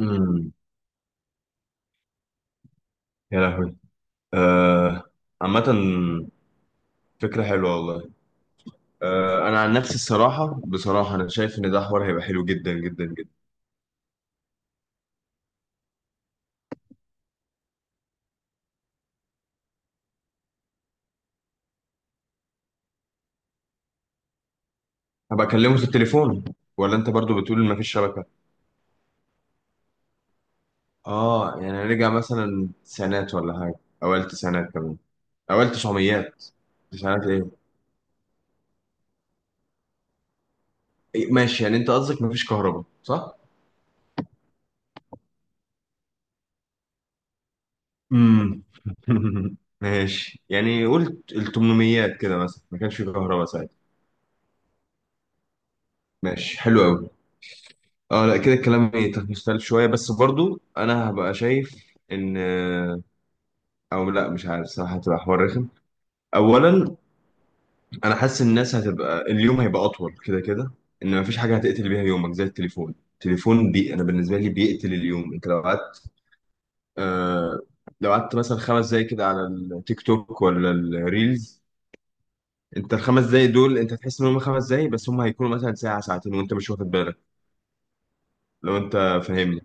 امم يا لهوي. آه. عامة، فكرة حلوة والله. آه، أنا عن نفسي بصراحة أنا شايف إن ده حوار هيبقى حلو جدا جدا جدا. هبقى أكلمه في التليفون، ولا أنت برضو بتقول إن مفيش شبكة؟ آه، يعني رجع مثلا تسعينات ولا حاجة، أوائل تسعينات كمان، أوائل تسعميات. تسعينات إيه؟ إيه، ماشي، يعني أنت قصدك مفيش كهرباء، صح؟ امم ماشي، يعني قلت التمنميات كده مثلا ما كانش في كهرباء ساعتها. ماشي حلو أوي. اه لا، كده الكلام يختلف شوية، بس برضو انا هبقى شايف ان، او لا مش عارف صراحة، هتبقى حوار رخم. اولا انا حاسس ان الناس هتبقى، اليوم هيبقى اطول كده كده، ان مفيش حاجة هتقتل بيها يومك زي التليفون، انا بالنسبة لي بيقتل اليوم. انت لو قعدت، آه، لو قعدت مثلا خمس دقايق كده على التيك توك ولا الريلز، انت الخمس دقايق دول انت تحس ان هم خمس دقايق، بس هم هيكونوا مثلا ساعة ساعتين وانت مش واخد بالك. لو انت فاهمني.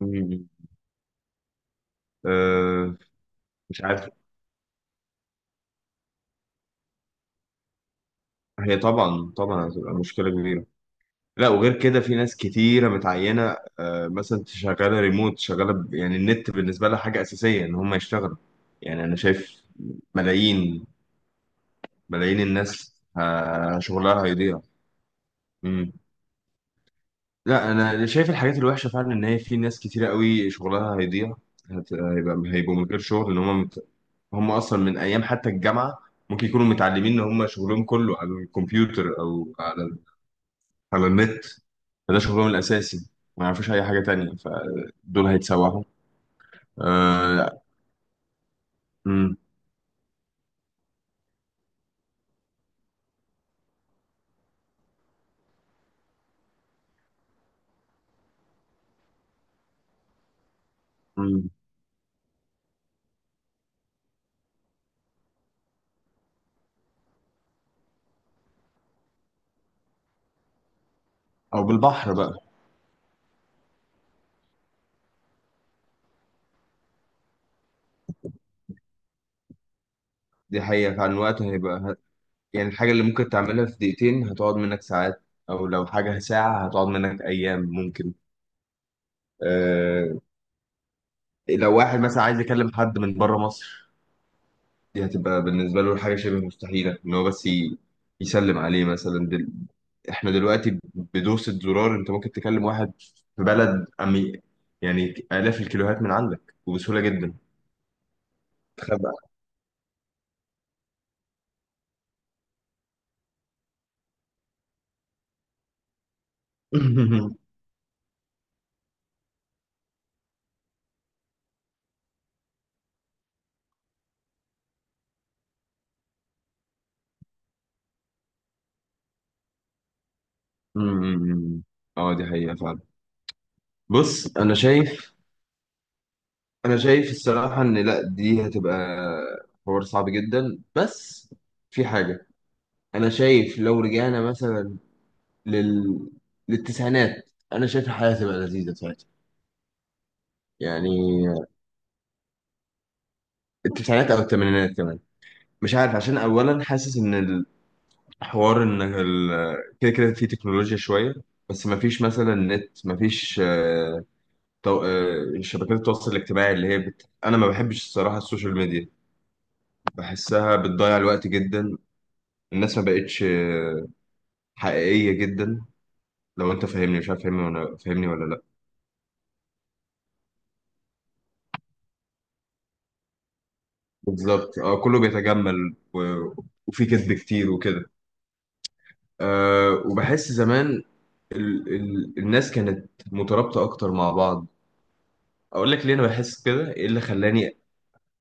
مم. آه. مش عارف. هي طبعا طبعا هتبقى مشكلة كبيرة. لا، وغير كده في ناس كتيرة متعينة، آه، مثلا شغالة ريموت، يعني النت بالنسبة لها حاجة أساسية إن هم يشتغلوا. يعني أنا شايف ملايين ملايين الناس، آه، شغلها هيضيع. مم. لا، أنا شايف الحاجات الوحشة فعلا إن هي في ناس كتيرة قوي شغلها هيضيع. هيبقوا من غير شغل إن هم مت... هم أصلا من أيام حتى الجامعة ممكن يكونوا متعلمين إن هم شغلهم كله على الكمبيوتر أو على النت، فده شغلهم الأساسي، ما يعرفوش أي حاجة تانية، فدول هيتسوحوا. آه. مم. مم. أو بالبحر بقى. دي حقيقة فعلا، الوقت هيبقى يعني الحاجة اللي ممكن تعملها في دقيقتين هتقعد منك ساعات، أو لو حاجة ساعة هتقعد منك أيام ممكن. آه. لو واحد مثلا عايز يكلم حد من بره مصر، دي هتبقى بالنسبة له حاجة شبه مستحيلة إن هو بس يسلم عليه مثلا دل... إحنا دلوقتي بدوسة زرار أنت ممكن تكلم واحد في بلد أمي، يعني آلاف الكيلوهات من عندك وبسهولة جدا. تخبأ. أمم. اه دي حقيقة فعلا. بص أنا شايف، أنا شايف الصراحة إن لأ، دي هتبقى حوار صعب جدا. بس في حاجة، أنا شايف لو رجعنا مثلا لل... للتسعينات أنا شايف الحياة هتبقى لذيذة ساعتها. يعني التسعينات او الثمانينات كمان، مش عارف. عشان اولا حاسس ان الحوار ان كده كده في تكنولوجيا شويه، بس ما فيش مثلا نت، ما فيش آه، آه، شبكات التواصل الاجتماعي اللي هي بت... انا ما بحبش الصراحه السوشيال ميديا، بحسها بتضيع الوقت جدا. الناس ما بقتش آه، حقيقيه جدا، لو انت فاهمني، مش عارف فاهمني ولا فاهمني ولا لا. بالظبط، اه، كله بيتجمل و... وفي كذب كتير وكده. أه، وبحس زمان ال الناس كانت مترابطة أكتر مع بعض. أقول لك ليه أنا بحس كده، إيه اللي خلاني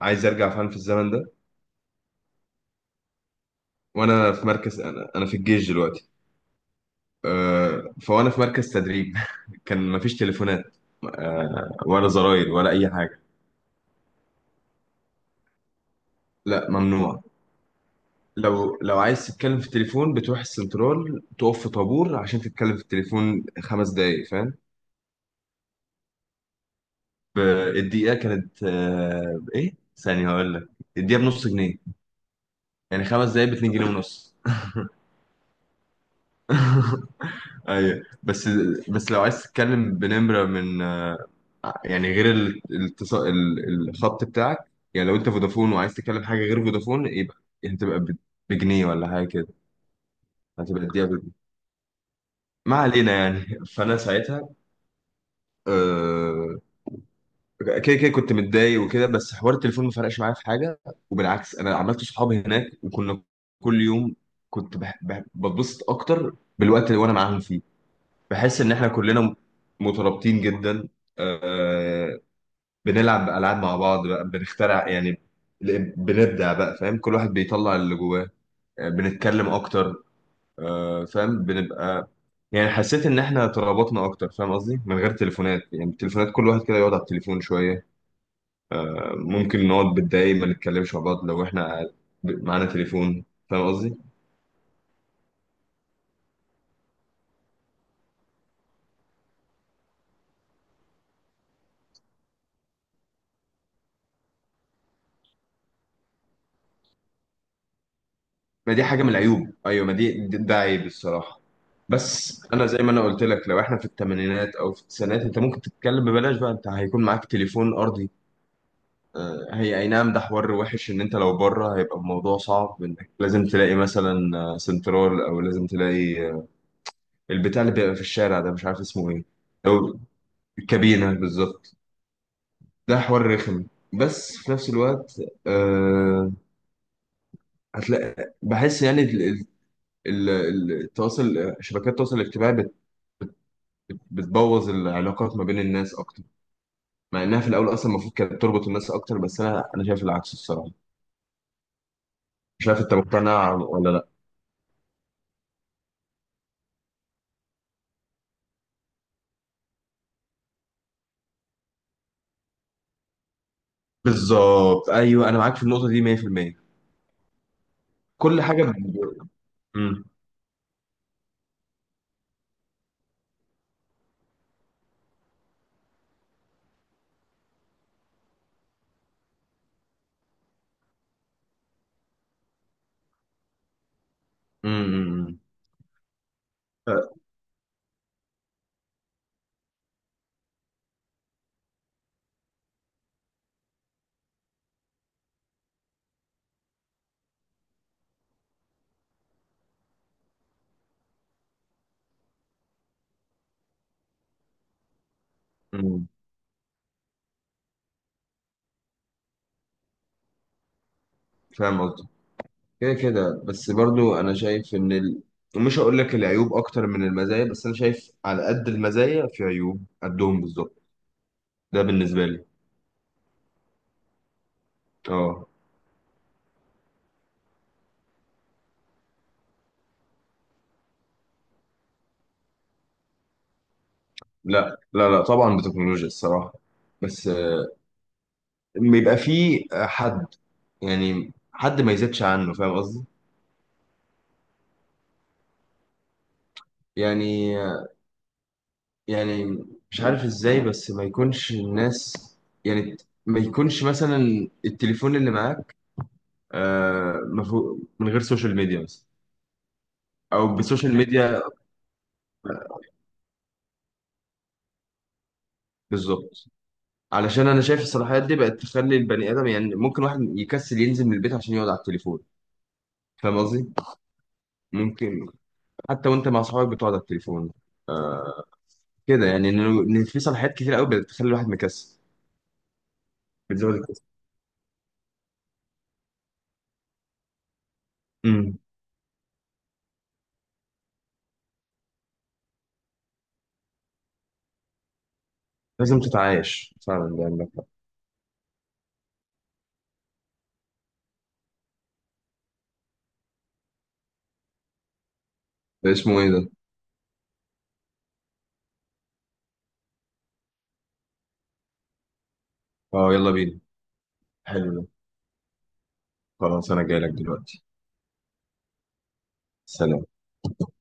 عايز أرجع فعلا في الزمن ده؟ وأنا في مركز، أنا في الجيش دلوقتي. أه، فوأنا في مركز تدريب. كان مفيش تليفونات، أه، ولا زراير ولا أي حاجة. لا ممنوع. لو عايز تتكلم في التليفون بتروح السنترال تقف في طابور عشان تتكلم في التليفون خمس دقايق، فاهم؟ ب- الدقيقة كانت أه إيه ثانية هقول لك، الدقيقة بنص جنيه، يعني خمس دقايق باتنين جنيه ونص. ايوه، بس بس لو عايز تتكلم بنمره من آه، يعني غير الخط بتاعك، يعني لو انت فودافون وعايز تتكلم حاجه غير فودافون، يبقى هتبقى بجنيه ولا حاجه كده، هتبقى تديها بجنيه. ما علينا يعني. فانا ساعتها آه، كده كده كنت متضايق وكده، بس حوار التليفون ما فرقش معايا في حاجه، وبالعكس انا عملت صحابي هناك، وكنا كل يوم، كنت بتبسط اكتر بالوقت اللي وانا معاهم فيه، بحس ان احنا كلنا مترابطين جدا، آه، بنلعب العاب مع بعض بقى، بنخترع يعني، بنبدع بقى، فاهم، كل واحد بيطلع اللي جواه، آه، بنتكلم اكتر، آه، فاهم، بنبقى يعني، حسيت ان احنا ترابطنا اكتر، فاهم قصدي، من غير تليفونات. يعني التليفونات كل واحد كده يقعد على التليفون شويه، آه، ممكن نقعد بالدقايق ما نتكلمش مع بعض لو احنا معانا تليفون، فاهم قصدي؟ ما دي حاجه من العيوب، ايوه، ما دي ده عيب الصراحه. بس انا زي ما انا قلت لك، لو احنا في الثمانينات او في التسعينات، انت ممكن تتكلم ببلاش بقى، انت هيكون معاك تليفون ارضي، آه، هي اي نعم ده حوار وحش ان انت لو بره هيبقى الموضوع صعب، انك لازم تلاقي مثلا آه، سنترال، او لازم تلاقي آه، البتاع اللي بيبقى في الشارع ده، مش عارف اسمه ايه. او الكابينه، بالظبط. ده حوار رخم، بس في نفس الوقت أه، هتلاقي، بحس يعني التواصل، شبكات التواصل الاجتماعي بتبوظ العلاقات ما بين الناس اكتر، مع انها في الاول اصلا المفروض كانت تربط الناس اكتر، بس انا شايف العكس الصراحه. مش عارف انت مقتنع ولا لا. بالظبط، ايوه، انا معاك في النقطه دي 100%. كل حاجه امم امم امم فاهم قصدي. كده كده، بس برضو انا شايف ان ال... مش هقول لك العيوب اكتر من المزايا، بس انا شايف على قد المزايا في عيوب قدهم بالظبط، ده بالنسبه لي. اه. لا لا لا، طبعا بتكنولوجيا الصراحه. بس آه، بيبقى في حد، يعني حد ما يزيدش عنه، فاهم قصدي؟ يعني يعني مش عارف ازاي، بس ما يكونش الناس، يعني ما يكونش مثلا التليفون اللي معاك، آه، من غير سوشيال ميديا مثلا، او بسوشيال ميديا. بالظبط. علشان انا شايف الصلاحيات دي بقت تخلي البني ادم، يعني ممكن واحد يكسل ينزل من البيت عشان يقعد على التليفون، فاهم قصدي؟ ممكن حتى وانت مع اصحابك بتقعد على التليفون، آه، كده يعني ان في صلاحيات كتير قوي بتخلي الواحد مكسل، بتزود الكسل. لازم تتعايش فعلا، ده عندك حق. ده اسمه ايه ده؟ اه، يلا بينا، حلو ده. خلاص انا جاي لك دلوقتي. سلام.